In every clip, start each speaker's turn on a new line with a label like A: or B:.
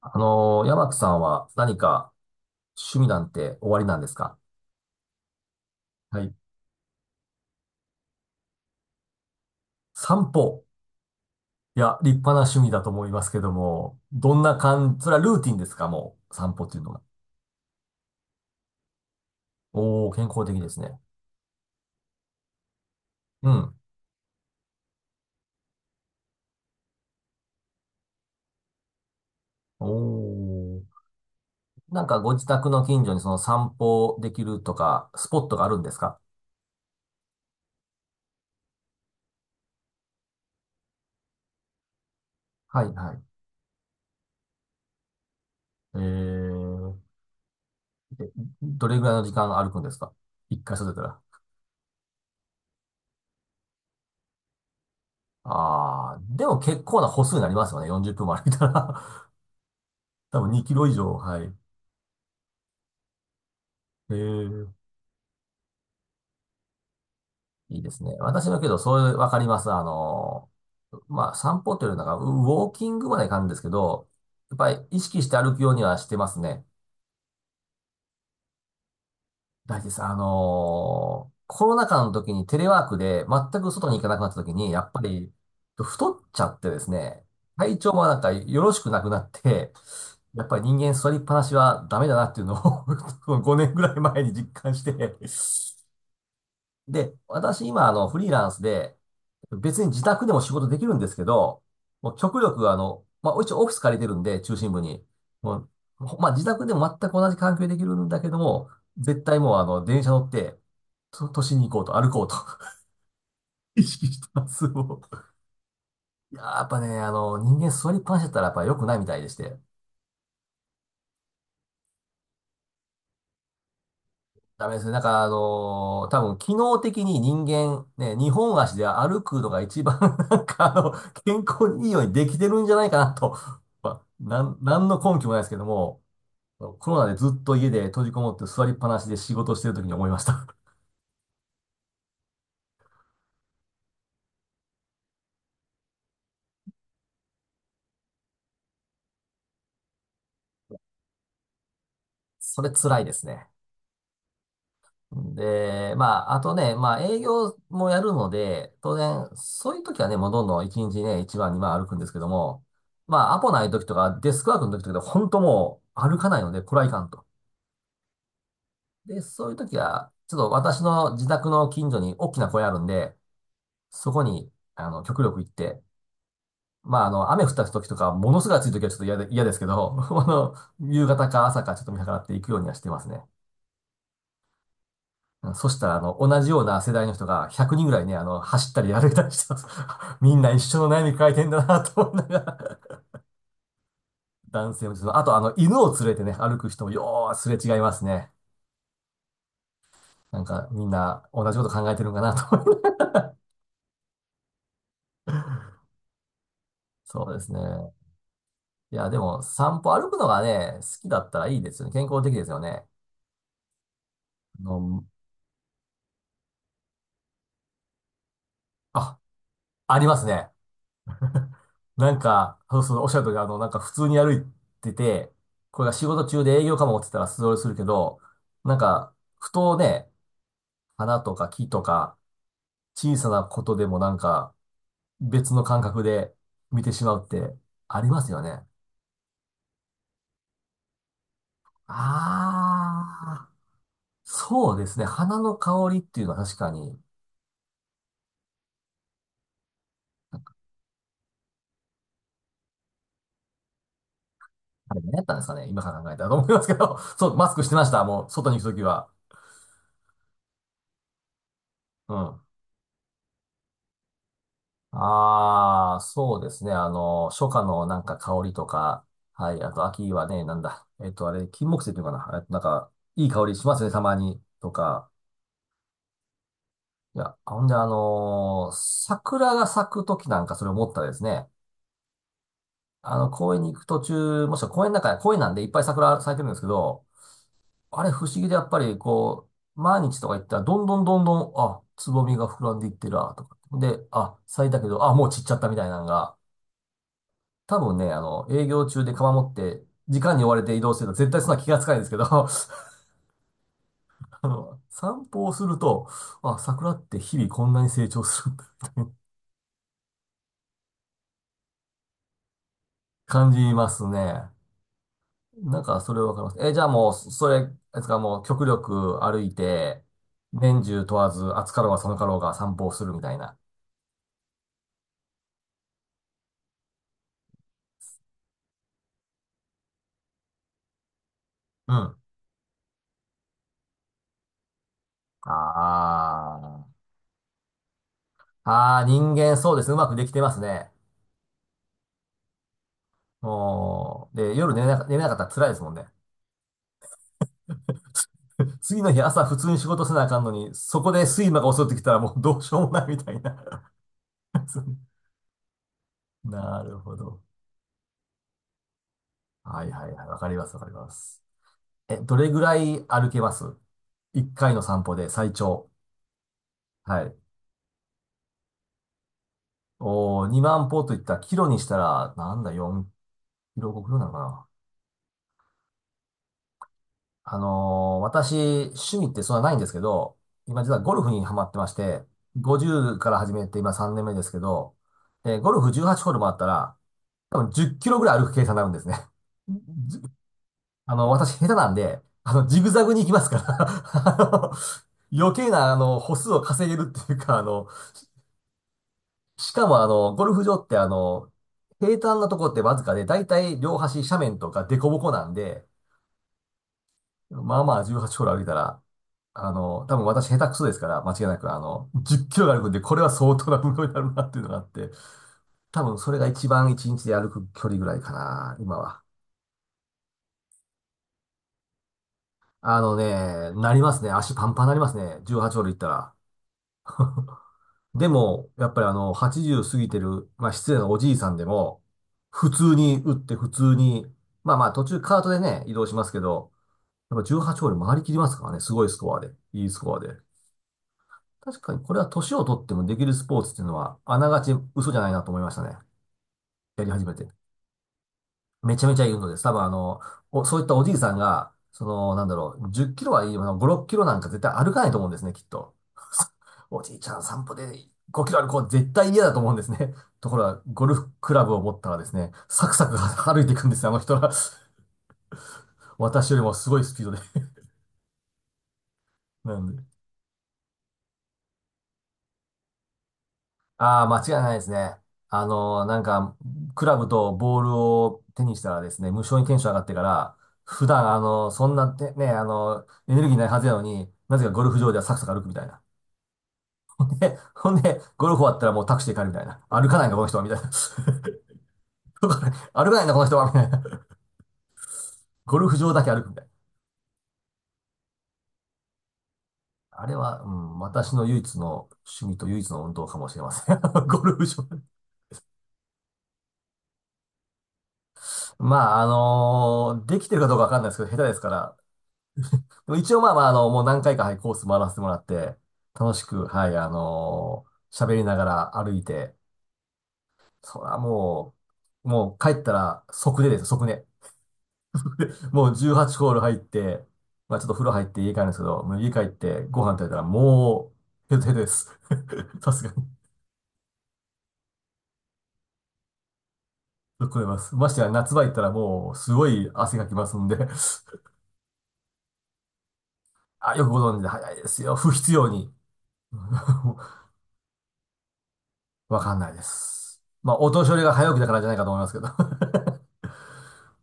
A: 山木さんは何か趣味なんておありなんですか？はい。散歩。いや、立派な趣味だと思いますけども、どんな感じ、それはルーティンですかもう、散歩っていうのが？おー、健康的ですね。うん。おー。なんかご自宅の近所にその散歩できるとか、スポットがあるんですか？はいはい。えー、でどれぐらいの時間歩くんですか？一回外れたら。あー、でも結構な歩数になりますよね。40分も歩いたら、 多分2キロ以上、はい。ええ。いいですね。私はけど、そういう、わかります。まあ、散歩というよりなんか、ウォーキングまでいかんですけど、やっぱり意識して歩くようにはしてますね。大事です。コロナ禍の時にテレワークで全く外に行かなくなった時に、やっぱり太っちゃってですね、体調もなんかよろしくなくなって、やっぱり人間座りっぱなしはダメだなっていうのを、 5年ぐらい前に実感して、で、私今フリーランスで、別に自宅でも仕事できるんですけど、もう極力まあ、一応オフィス借りてるんで、中心部に。もう、まあ、自宅でも全く同じ環境でできるんだけども、絶対もう電車乗って、と都心に行こうと、歩こうと、 意識してます。もういやー、やっぱね、人間座りっぱなしだったらやっぱ良くないみたいでして。ダメですね。なんか多分機能的に人間、ね、二本足で歩くのが一番、 なんか健康にいいようにできてるんじゃないかなと。まあ、なんの根拠もないですけども、コロナでずっと家で閉じこもって座りっぱなしで仕事してる時に思いました。それ辛いですね。で、まあ、あとね、まあ、営業もやるので、当然、そういう時はね、もうどんどん1日ね、1番、2番歩くんですけども、まあ、アポない時とか、デスクワークの時とかで、本当もう歩かないので、これはいかんと。で、そういう時は、ちょっと私の自宅の近所に大きな公園あるんで、そこに、極力行って、まあ、雨降った時とか、ものすごい暑い時はちょっと嫌で、嫌ですけど、あの、夕方か朝かちょっと見計らっていくようにはしてますね。うん。そしたら、同じような世代の人が100人ぐらいね、走ったり歩いたりしてます。みんな一緒の悩み抱えてんだなと思いながら、男性もちょっと、あと、犬を連れてね、歩く人もよーすれ違いますね。なんか、みんな同じこと考えてるんかなと思いながら、 そうですね。いや、でも、散歩歩くのがね、好きだったらいいですよね。健康的ですよね。あの、あ、ありますね。なんか、そうそう、おっしゃる通り、なんか普通に歩いてて、これが仕事中で営業かもって言ったら素通りするけど、なんか、ふとね、花とか木とか、小さなことでもなんか、別の感覚で見てしまうって、ありますよね。ああ、そうですね。花の香りっていうのは確かに、あれ何やったんですかね。今から考えたらと思いますけど、そう、マスクしてました。もう、外に行くときは。うん。ああ、そうですね。初夏のなんか香りとか、はい。あと秋はね、なんだ。あれ、金木犀っていうのかな。なんか、いい香りしますね、たまに。とか。いや、ほんで、桜が咲くときなんかそれ思ったですね。公園に行く途中、もしくは公園の中、公園なんでいっぱい桜咲いてるんですけど、あれ不思議でやっぱりこう、毎日とか行ったら、どんどんどんどん、あ、つぼみが膨らんでいってるわ、とか。で、あ、咲いたけど、あ、もう散っちゃったみたいなのが、多分ね、営業中で釜持って、時間に追われて移動してると絶対そんな気がつかないんですけど、散歩をすると、あ、桜って日々こんなに成長するんだ、みたいな、感じますね。なんか、それわかります。え、じゃあもう、それ、あれですか、もう極力歩いて、年中問わず、暑かろうが寒かろうが散歩をするみたいな。うん。ああ。ああ、人間そうですね。うまくできてますね。もう、で、夜寝れなかったら辛いですもんね。次の日朝普通に仕事せなあかんのに、そこで睡魔が襲ってきたらもうどうしようもないみたいな。なるほど。はいはいはい。わかりますわかります。え、どれぐらい歩けます？一回の散歩で最長。はい。おー、2万歩といったらキロにしたら、なんだ、4キロ、5キロなのかな。私、趣味ってそんなないんですけど、今実はゴルフにハマってまして、50から始めて今3年目ですけど、ゴルフ18ホールもあったら、多分10キロぐらい歩く計算になるんですね。じあの、私下手なんで、ジグザグに行きますから、 あ余計な、歩数を稼げるっていうか、しかもゴルフ場って平坦なとこってわずかで、だいたい両端斜面とか凸凹なんで、まあまあ18ホール歩いたら、多分私下手くそですから、間違いなく、10キロが歩くんで、これは相当な運動になるなっていうのがあって、多分それが一番一日で歩く距離ぐらいかな、今は。あのね、なりますね。足パンパンになりますね。18ホール行ったら。でも、やっぱり80過ぎてる、まあ失礼なおじいさんでも、普通に打って普通に、まあまあ途中カートでね、移動しますけど、やっぱ18ホール回りきりますからね。すごいスコアで。いいスコアで。確かにこれは年を取ってもできるスポーツっていうのは、あながち嘘じゃないなと思いましたね。やり始めて。めちゃめちゃいい運動です。多分そういったおじいさんが、なんだろう、10キロはいい、5、6キロなんか絶対歩かないと思うんですね、きっと。おじいちゃん散歩で5キロ歩こう絶対嫌だと思うんですね。ところが、ゴルフクラブを持ったらですね、サクサク歩いていくんですよ、あの人は。私よりもすごいスピードで。なんで。ああ、間違いないですね。あのーなんか、クラブとボールを手にしたらですね、無性にテンション上がってから、普段、そんなね、エネルギーないはずやのに、なぜかゴルフ場ではサクサク歩くみたいな。で、ほんで、ゴルフ終わったらもうタクシーで帰るみたいな。歩かないんだこの人は、みたいな。歩かないんだ、この人は、みたいな。ゴルフ場だけ歩くみたいな。あれは、うん、私の唯一の趣味と唯一の運動かもしれません。ゴルフ場。まあ、できてるかどうかわかんないですけど、下手ですから。でも一応まあまあ、あの、もう何回か、はい、コース回らせてもらって、楽しく、はい、喋りながら歩いて、そらもう、もう帰ったら即寝です、即寝。もう18ホール入って、まあちょっと風呂入って家帰るんですけど、もう家帰ってご飯食べたらもう、ヘトヘトです。さすがに。聞こえます。ましてや夏場行ったらもうすごい汗かきますんで あ、よくご存知で早いですよ。不必要に。わかんないです。まあ、お年寄りが早起きだからじゃないかと思いますけど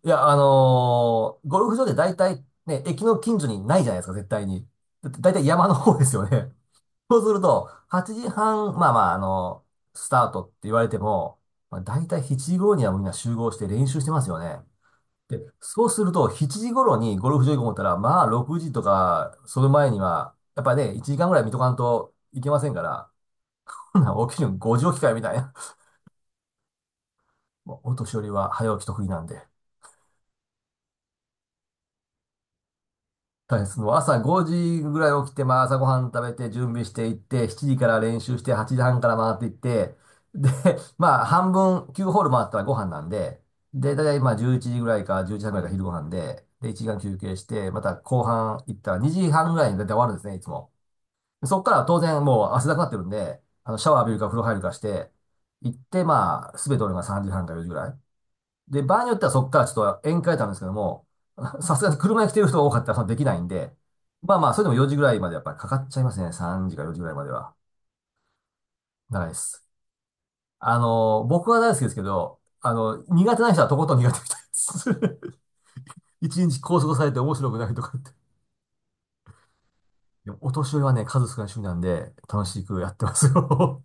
A: いや、ゴルフ場で大体ね、駅の近所にないじゃないですか、絶対に。だって大体山の方ですよね。そうすると、8時半、まあまあ、あのスタートって言われても、まあ、大体7時頃にはみんな集合して練習してますよね。で、そうすると、7時頃にゴルフ場行こうと思ったら、まあ、6時とか、その前には、やっぱね、1時間ぐらい見とかんといけませんから、ほなん起きるの5時起きかよ、みたいな。もうお年寄りは早起き得意なんで。大変です。もう朝5時ぐらい起きて、まあ、朝ごはん食べて、準備していって、7時から練習して、8時半から回っていって、で、まあ、半分、9ホール回ったらご飯なんで、で、だいたいまあ、11時ぐらいか、11時半ぐらいが昼ご飯で、で、1時間休憩して、また後半行ったら2時半ぐらいにだいたい終わるんですね、いつも。そこから当然もう汗だくなってるんで、あの、シャワー浴びるか風呂入るかして、行って、まあ、すべて俺が3時半か4時ぐらい。で、場合によってはそこからちょっと宴会たんですけども、さすがに車に来てる人が多かったらそのできないんで、まあまあ、それでも4時ぐらいまでやっぱりかかっちゃいますね。3時か4時ぐらいまでは。長いです。あの、僕は大好きですけど、あの、苦手な人はとことん苦手みたいです。一日拘束されて面白くないとかって。でもお年寄りはね、数少ない趣味なんで、楽しくやってますよ。